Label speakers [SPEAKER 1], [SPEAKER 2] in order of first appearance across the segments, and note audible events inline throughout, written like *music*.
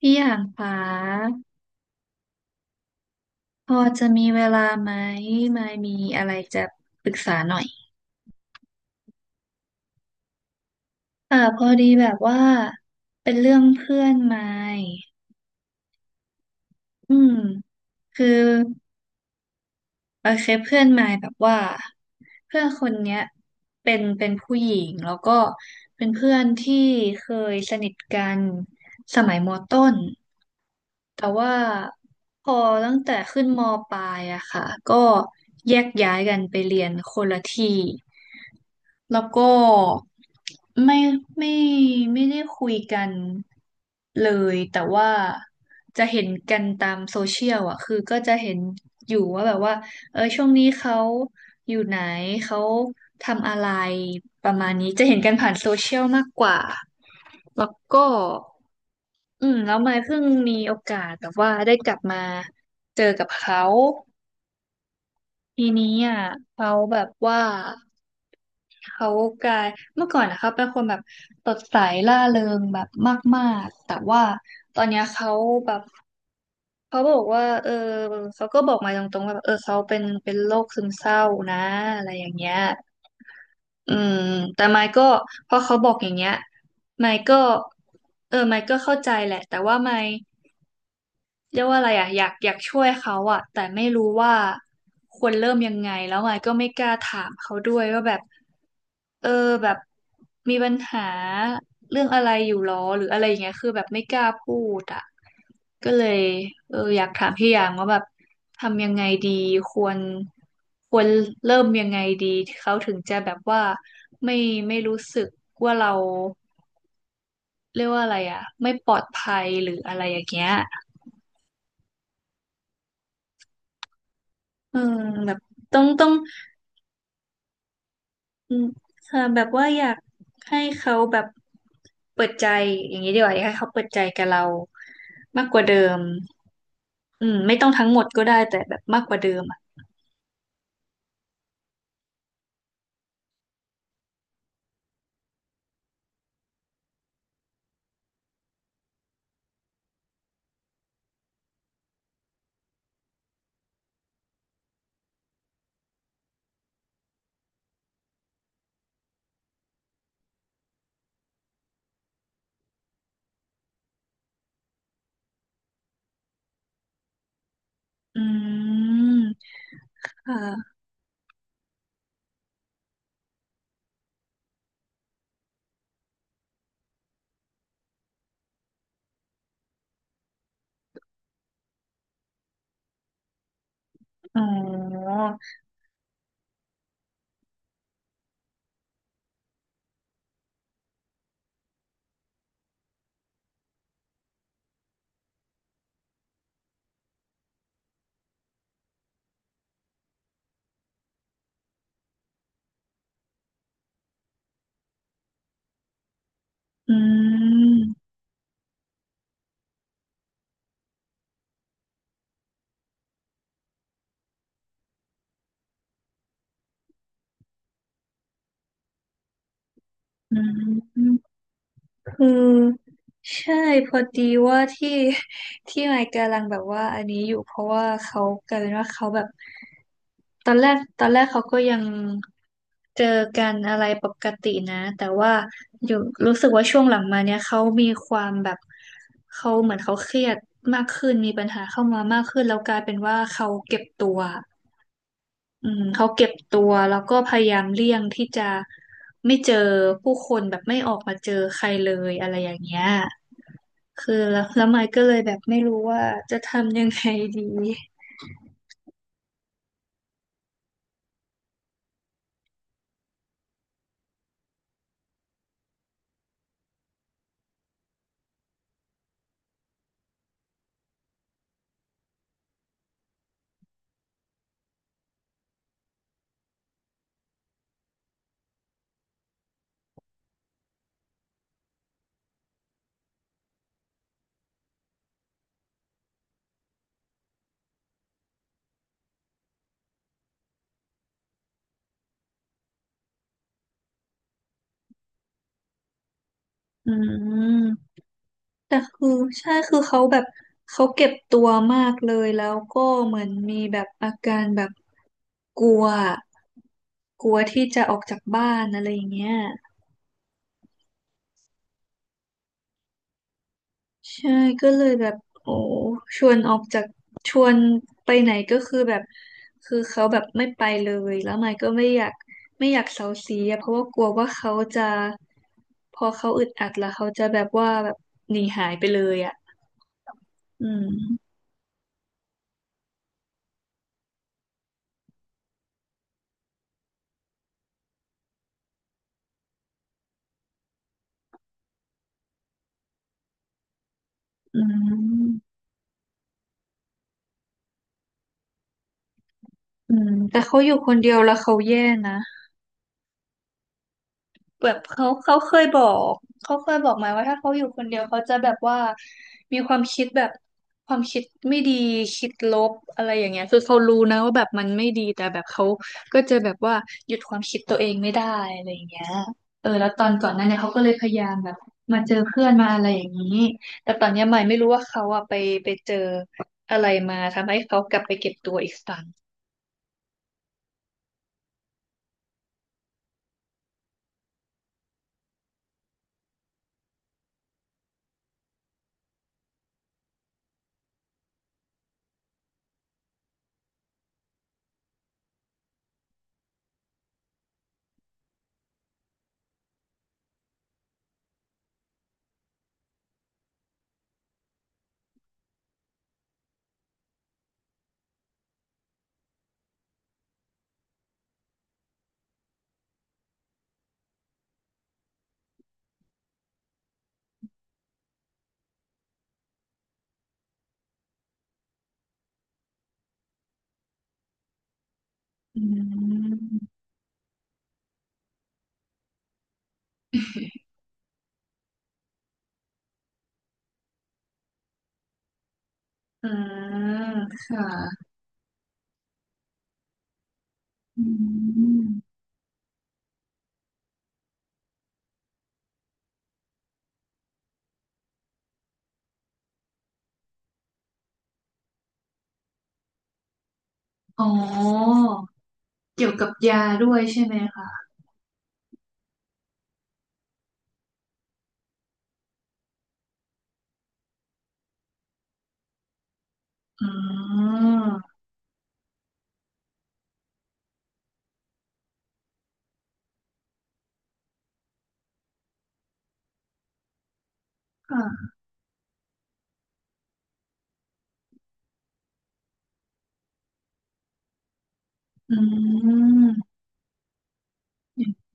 [SPEAKER 1] พี่อยางฟ้าพอจะมีเวลาไหมไม่มีอะไรจะปรึกษาหน่อยเอ่าพอดีแบบว่าเป็นเรื่องเพื่อนไม่อืมคือโอเคเพื่อนไม้แบบว่าเพื่อนคนเนี้ยเป็นผู้หญิงแล้วก็เป็นเพื่อนที่เคยสนิทกันสมัยมต้นแต่ว่าพอตั้งแต่ขึ้นมปลายอะค่ะก็แยกย้ายกันไปเรียนคนละที่ แล้วก็ไม่ไม่ไม่ได้คุยกันเลยแต่ว่าจะเห็นกันตามโซเชียลอ่ะคือก็จะเห็นอยู่ว่าแบบว่าเออช่วงนี้เขาอยู่ไหนเขาทำอะไรประมาณนี้จะเห็นกันผ่านโซเชียลมากกว่าแล้วก็แล้วมายเพิ่งมีโอกาสแบบว่าได้กลับมาเจอกับเขา ทีนี้อ่ะเขาแบบว่าเขากลายเมื่อก่อนนะเขาเป็นคนแบบสดใสร่าเริงแบบมากๆแต่ว่าตอนเนี้ยเขาแบบเขาบอกว่าเออเขาก็บอกมาตรงๆว่าแบบเออเขาเป็นโรคซึมเศร้านะอะไรอย่างเงี้ยอืมแต่ไมค์ก็พอเขาบอกอย่างเงี้ยไมค์ก็เออไมค์ก็เข้าใจแหละแต่ว่าไมค์ เรียกว่าอะไรอ่ะอยากช่วยเขาอ่ะแต่ไม่รู้ว่าควรเริ่มยังไงแล้วไยก็ไม่กล้าถามเขาด้วยว่าแบบเออแบบมีปัญหาเรื่องอะไรอยู่หรอหรืออะไรอย่างเงี้ยคือแบบไม่กล้าพูดอ่ะก็เลยเอออยากถามพี่หยางว่าแบบทำยังไงดีควรควรเริ่มยังไงดีเขาถึงจะแบบว่าไม่ไม่รู้สึกว่าเราเรียกว่าอะไรอ่ะไม่ปลอดภัยหรืออะไรอย่างเงี้ยอืมแบบต้อง อืมค่ะแบบว่าอยากให้เขาแบบเปิดใจอย่างนี้ดีกว่าอยากให้เขาเปิดใจกับเรามากกว่าเดิมไม่ต้องทั้งหมดก็ได้แต่แบบมากกว่าเดิมอ่ะอืมค่ะอ๋ออืมอืมคือใช่พอดีว่าที่ *laughs* ที่ไมค์กำลังแบบว่าอันนี้อยู่เพราะว่าเขากลายเป็นว่าเขาแบบ ตอนแรกเขาก็ยังเจอกันอะไรปกตินะแต่ว่าอยู่รู้สึกว่าช่วงหลังมาเนี่ยเขามีความแบบเขาเหมือนเขาเครียดมากขึ้นมีปัญหาเข้ามามากขึ้นแล้วกลายเป็นว่าเขาเก็บตัวเขาเก็บตัวแล้วก็พยายามเลี่ยงที่จะไม่เจอผู้คนแบบไม่ออกมาเจอใครเลยอะไรอย่างเงี้ยคือแล้วไมค์ก็เลยแบบไม่รู้ว่าจะทำยังไงดีอืม แต่คือใช่คือเขาแบบเขาเก็บตัวมากเลยแล้วก็เหมือนมีแบบอาการแบบกลัวกลัวที่จะออกจากบ้านอะไรอย่างเงี้ยใช่ก็เลยแบบโอ้ชวนออกจากชวนไปไหนก็คือแบบคือเขาแบบไม่ไปเลยแล้วไม่ก็ไม่อยากเซาซีอะเพราะว่ากลัวว่าเขาจะพอเขาอึดอัดแล้วเขาจะแบบว่าแบบหนีหายไปเลยอะอืมอืม อืมแต่เขาอยู่คนเดียวแล้วเขาแย่นะแบบเขาเคยบอกเขาเคยบอกมาว่าถ้าเขาอยู่คนเดียวเขาจะแบบว่ามีความคิดแบบความคิดไม่ดีคิดลบอะไรอย่างเงี้ยคือเขารู้นะว่าแบบมันไม่ดีแต่แบบเขาก็จะแบบว่าหยุดความคิดตัวเองไม่ได้อะไรอย่างเงี้ยเออแล้วตอนก่อนหน้าเนี่ยเขาก็เลยพยายามแบบมาเจอเพื่อนมาอะไรอย่างนี้แต่ตอนเนี้ยใหม่ไม่รู้ว่าเขาอะไปเจออะไรมาทำให้เขากลับไปเก็บตัวอีกครั้งอืม อ่าค่ะอืมอ๋อเกี่ยวกับยาด้วยใช่ไหมคะอืมค่ะอืมอ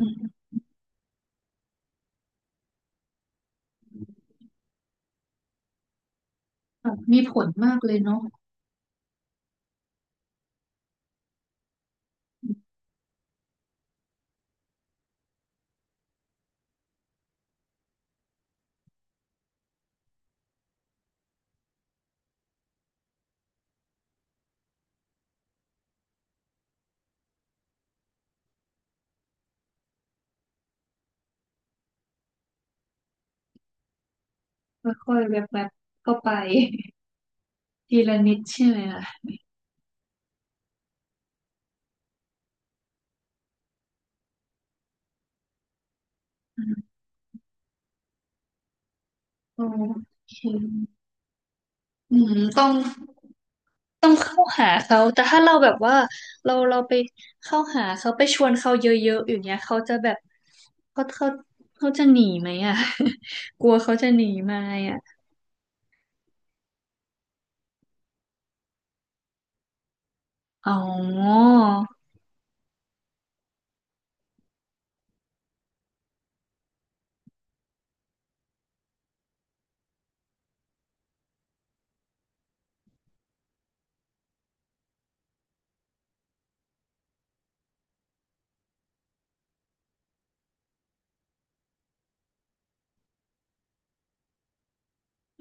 [SPEAKER 1] ืมค่ะมีผลมากเลยเนาะค่อยๆแวบๆเข้าไป *laughs* ทีละนิดใช่ไหมล่ะอืมโอเคอืมต้อง ต้องเข้าหาเขา แต่ถ้าเราแบบว่าเราไปเข้าหาเขาไปชวนเขาเยอะๆอย่างเงี้ยเขาจะแบบเขาเขาเขาจะหนีไหมอ่ะ *laughs* กลัวเขาจะหนีไหมอ่ะอ๋อ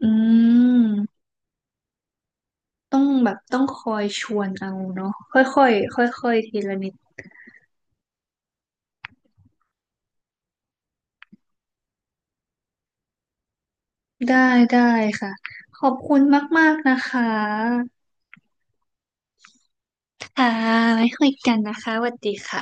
[SPEAKER 1] อืมต้องแบบต้องคอยชวนเอาเนาะค่อยๆค่อยๆทีละนิดได้ได้ค่ะขอบคุณมากๆนะคะค่ะไว้คุยกันนะคะสวัสดีค่ะ